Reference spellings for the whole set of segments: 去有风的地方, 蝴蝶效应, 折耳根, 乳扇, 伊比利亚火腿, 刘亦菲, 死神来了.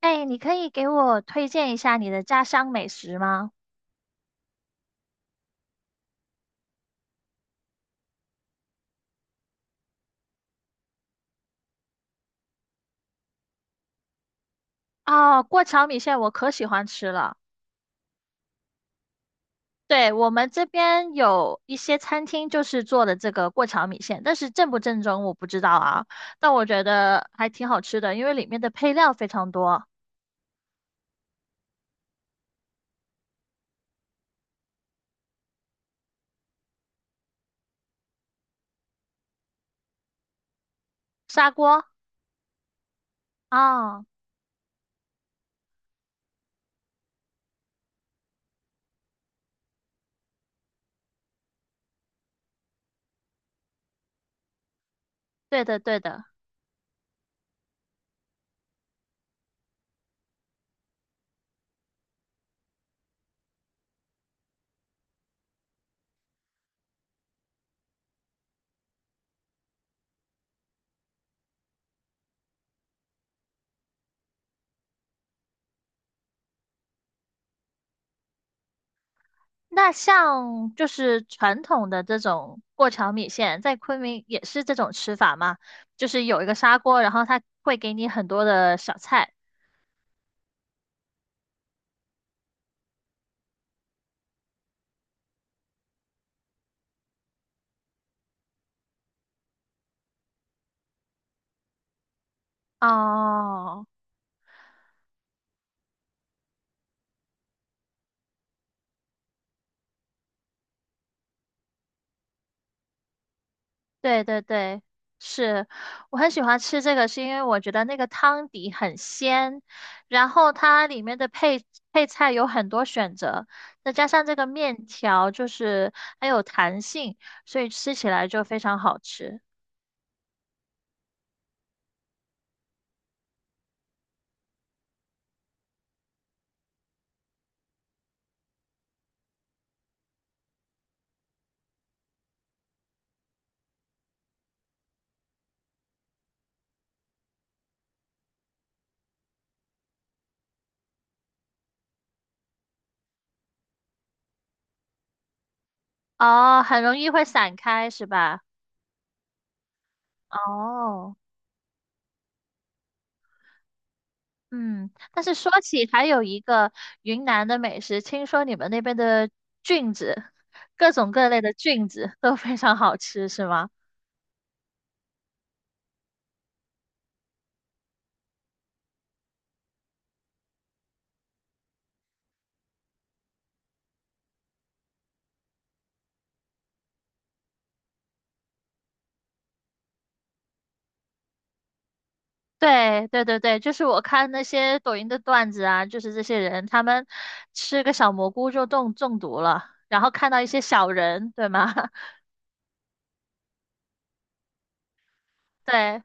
哎，你可以给我推荐一下你的家乡美食吗？哦，过桥米线我可喜欢吃了。对，我们这边有一些餐厅就是做的这个过桥米线，但是正不正宗我不知道啊。但我觉得还挺好吃的，因为里面的配料非常多。砂锅啊，对的对的。那像就是传统的这种过桥米线，在昆明也是这种吃法吗？就是有一个砂锅，然后它会给你很多的小菜。哦，对对对，是，我很喜欢吃这个，是因为我觉得那个汤底很鲜，然后它里面的配菜有很多选择，再加上这个面条就是很有弹性，所以吃起来就非常好吃。哦，很容易会散开，是吧？哦，嗯，但是说起还有一个云南的美食，听说你们那边的菌子，各种各类的菌子都非常好吃，是吗？对对对对，就是我看那些抖音的段子啊，就是这些人他们吃个小蘑菇就中毒了，然后看到一些小人，对吗？对，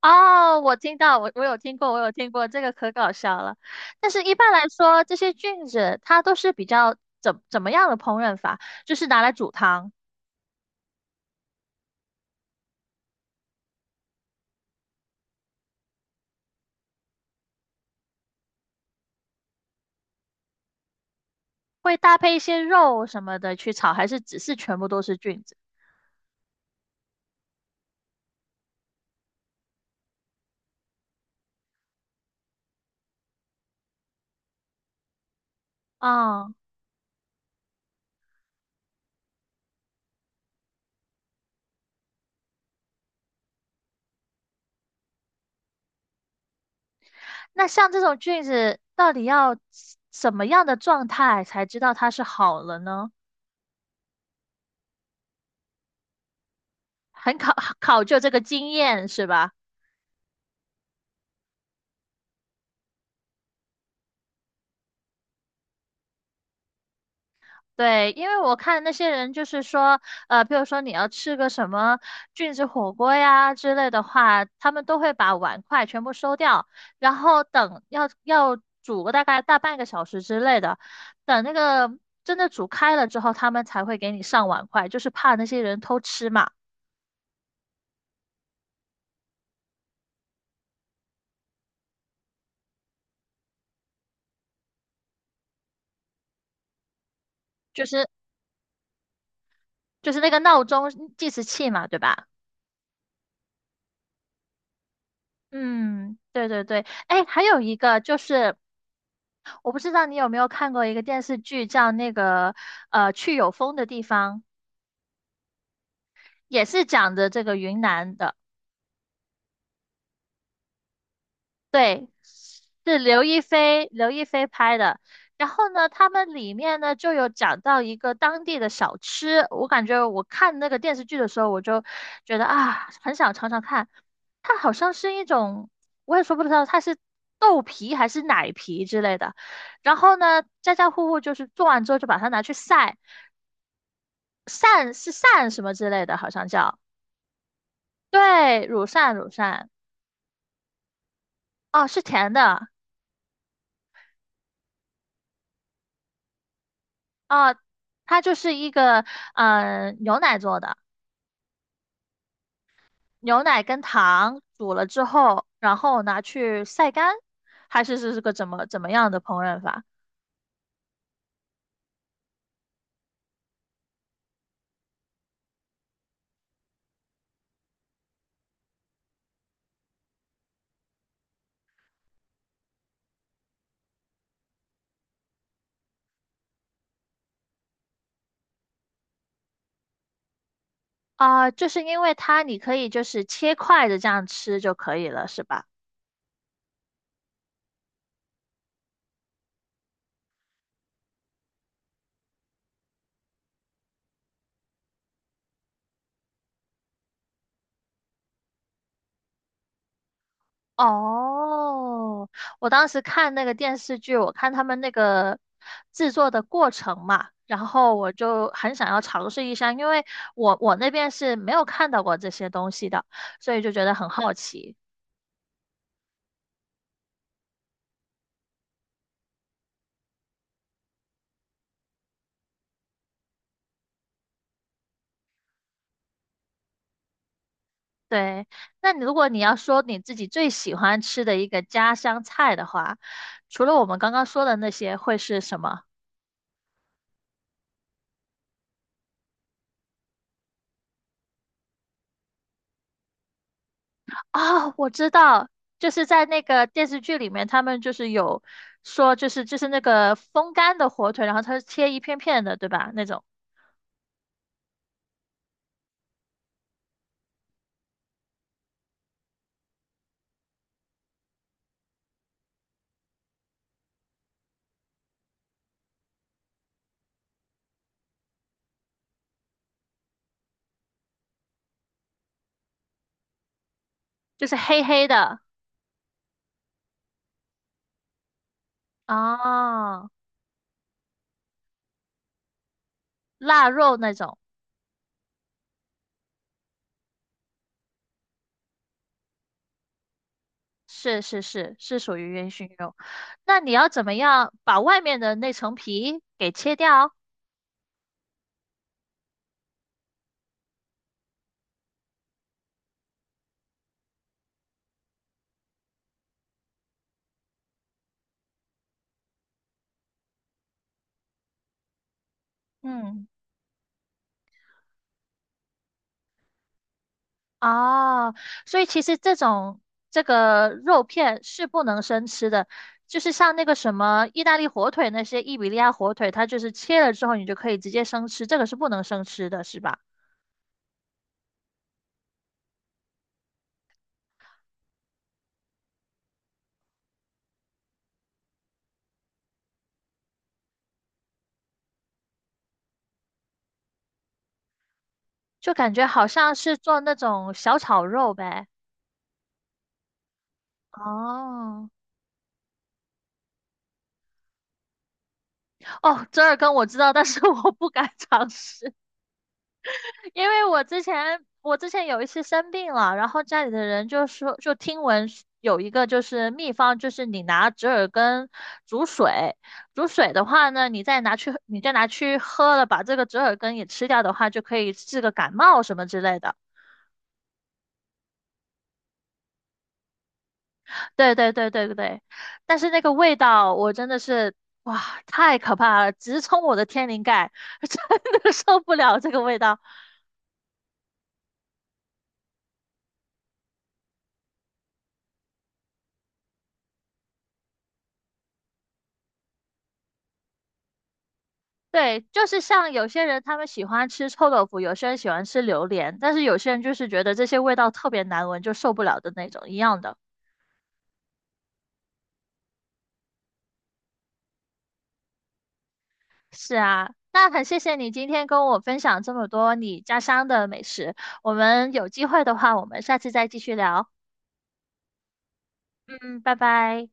哦，我听到，我有听过，我有听过，这个可搞笑了。但是一般来说，这些菌子它都是比较怎么样的烹饪法？就是拿来煮汤，会搭配一些肉什么的去炒，还是只是全部都是菌子？啊？那像这种菌子，到底要什么样的状态才知道它是好了呢？很考 考究这个经验是吧？对，因为我看那些人就是说，比如说你要吃个什么菌子火锅呀之类的话，他们都会把碗筷全部收掉，然后等要煮个大概大半个小时之类的，等那个真的煮开了之后，他们才会给你上碗筷，就是怕那些人偷吃嘛。就是那个闹钟计时器嘛，对吧？嗯，对对对，哎，还有一个就是，我不知道你有没有看过一个电视剧，叫那个《去有风的地方》，也是讲的这个云南的。是刘亦菲，刘亦菲拍的。然后呢，他们里面呢就有讲到一个当地的小吃，我感觉我看那个电视剧的时候，我就觉得啊，很想尝尝看。它好像是一种，我也说不知道它是豆皮还是奶皮之类的。然后呢，家家户户就是做完之后就把它拿去晒，晒是晒什么之类的，好像叫，对，乳扇乳扇，哦，是甜的，哦，它就是一个牛奶做的。牛奶跟糖煮了之后，然后拿去晒干，还是是个怎么样的烹饪法啊？就是因为它你可以就是切块的这样吃就可以了，是吧？哦，我当时看那个电视剧，我看他们那个制作的过程嘛，然后我就很想要尝试一下，因为我那边是没有看到过这些东西的，所以就觉得很好奇。对，那你如果你要说你自己最喜欢吃的一个家乡菜的话，除了我们刚刚说的那些，会是什么？啊，我知道，就是在那个电视剧里面，他们就是有说，就是那个风干的火腿，然后它是切一片片的，对吧？那种就是黑黑的啊，腊肉那种，是是是是属于烟熏肉。那你要怎么样把外面的那层皮给切掉？嗯。哦，所以其实这种这个肉片是不能生吃的，就是像那个什么意大利火腿那些伊比利亚火腿，它就是切了之后你就可以直接生吃，这个是不能生吃的，是吧？就感觉好像是做那种小炒肉呗。哦，哦，折耳根我知道，但是 我不敢尝试。因为我之前有一次生病了，然后家里的人就说，就听闻是有一个就是秘方，就是你拿折耳根煮水，煮水的话呢，你再拿去喝了，把这个折耳根也吃掉的话，就可以治个感冒什么之类的。对对对对对，但是那个味道我真的是哇，太可怕了，直冲我的天灵盖，真的受不了这个味道。对，就是像有些人他们喜欢吃臭豆腐，有些人喜欢吃榴莲，但是有些人就是觉得这些味道特别难闻，就受不了的那种一样的。是啊，那很谢谢你今天跟我分享这么多你家乡的美食，我们有机会的话，我们下次再继续聊。嗯，拜拜。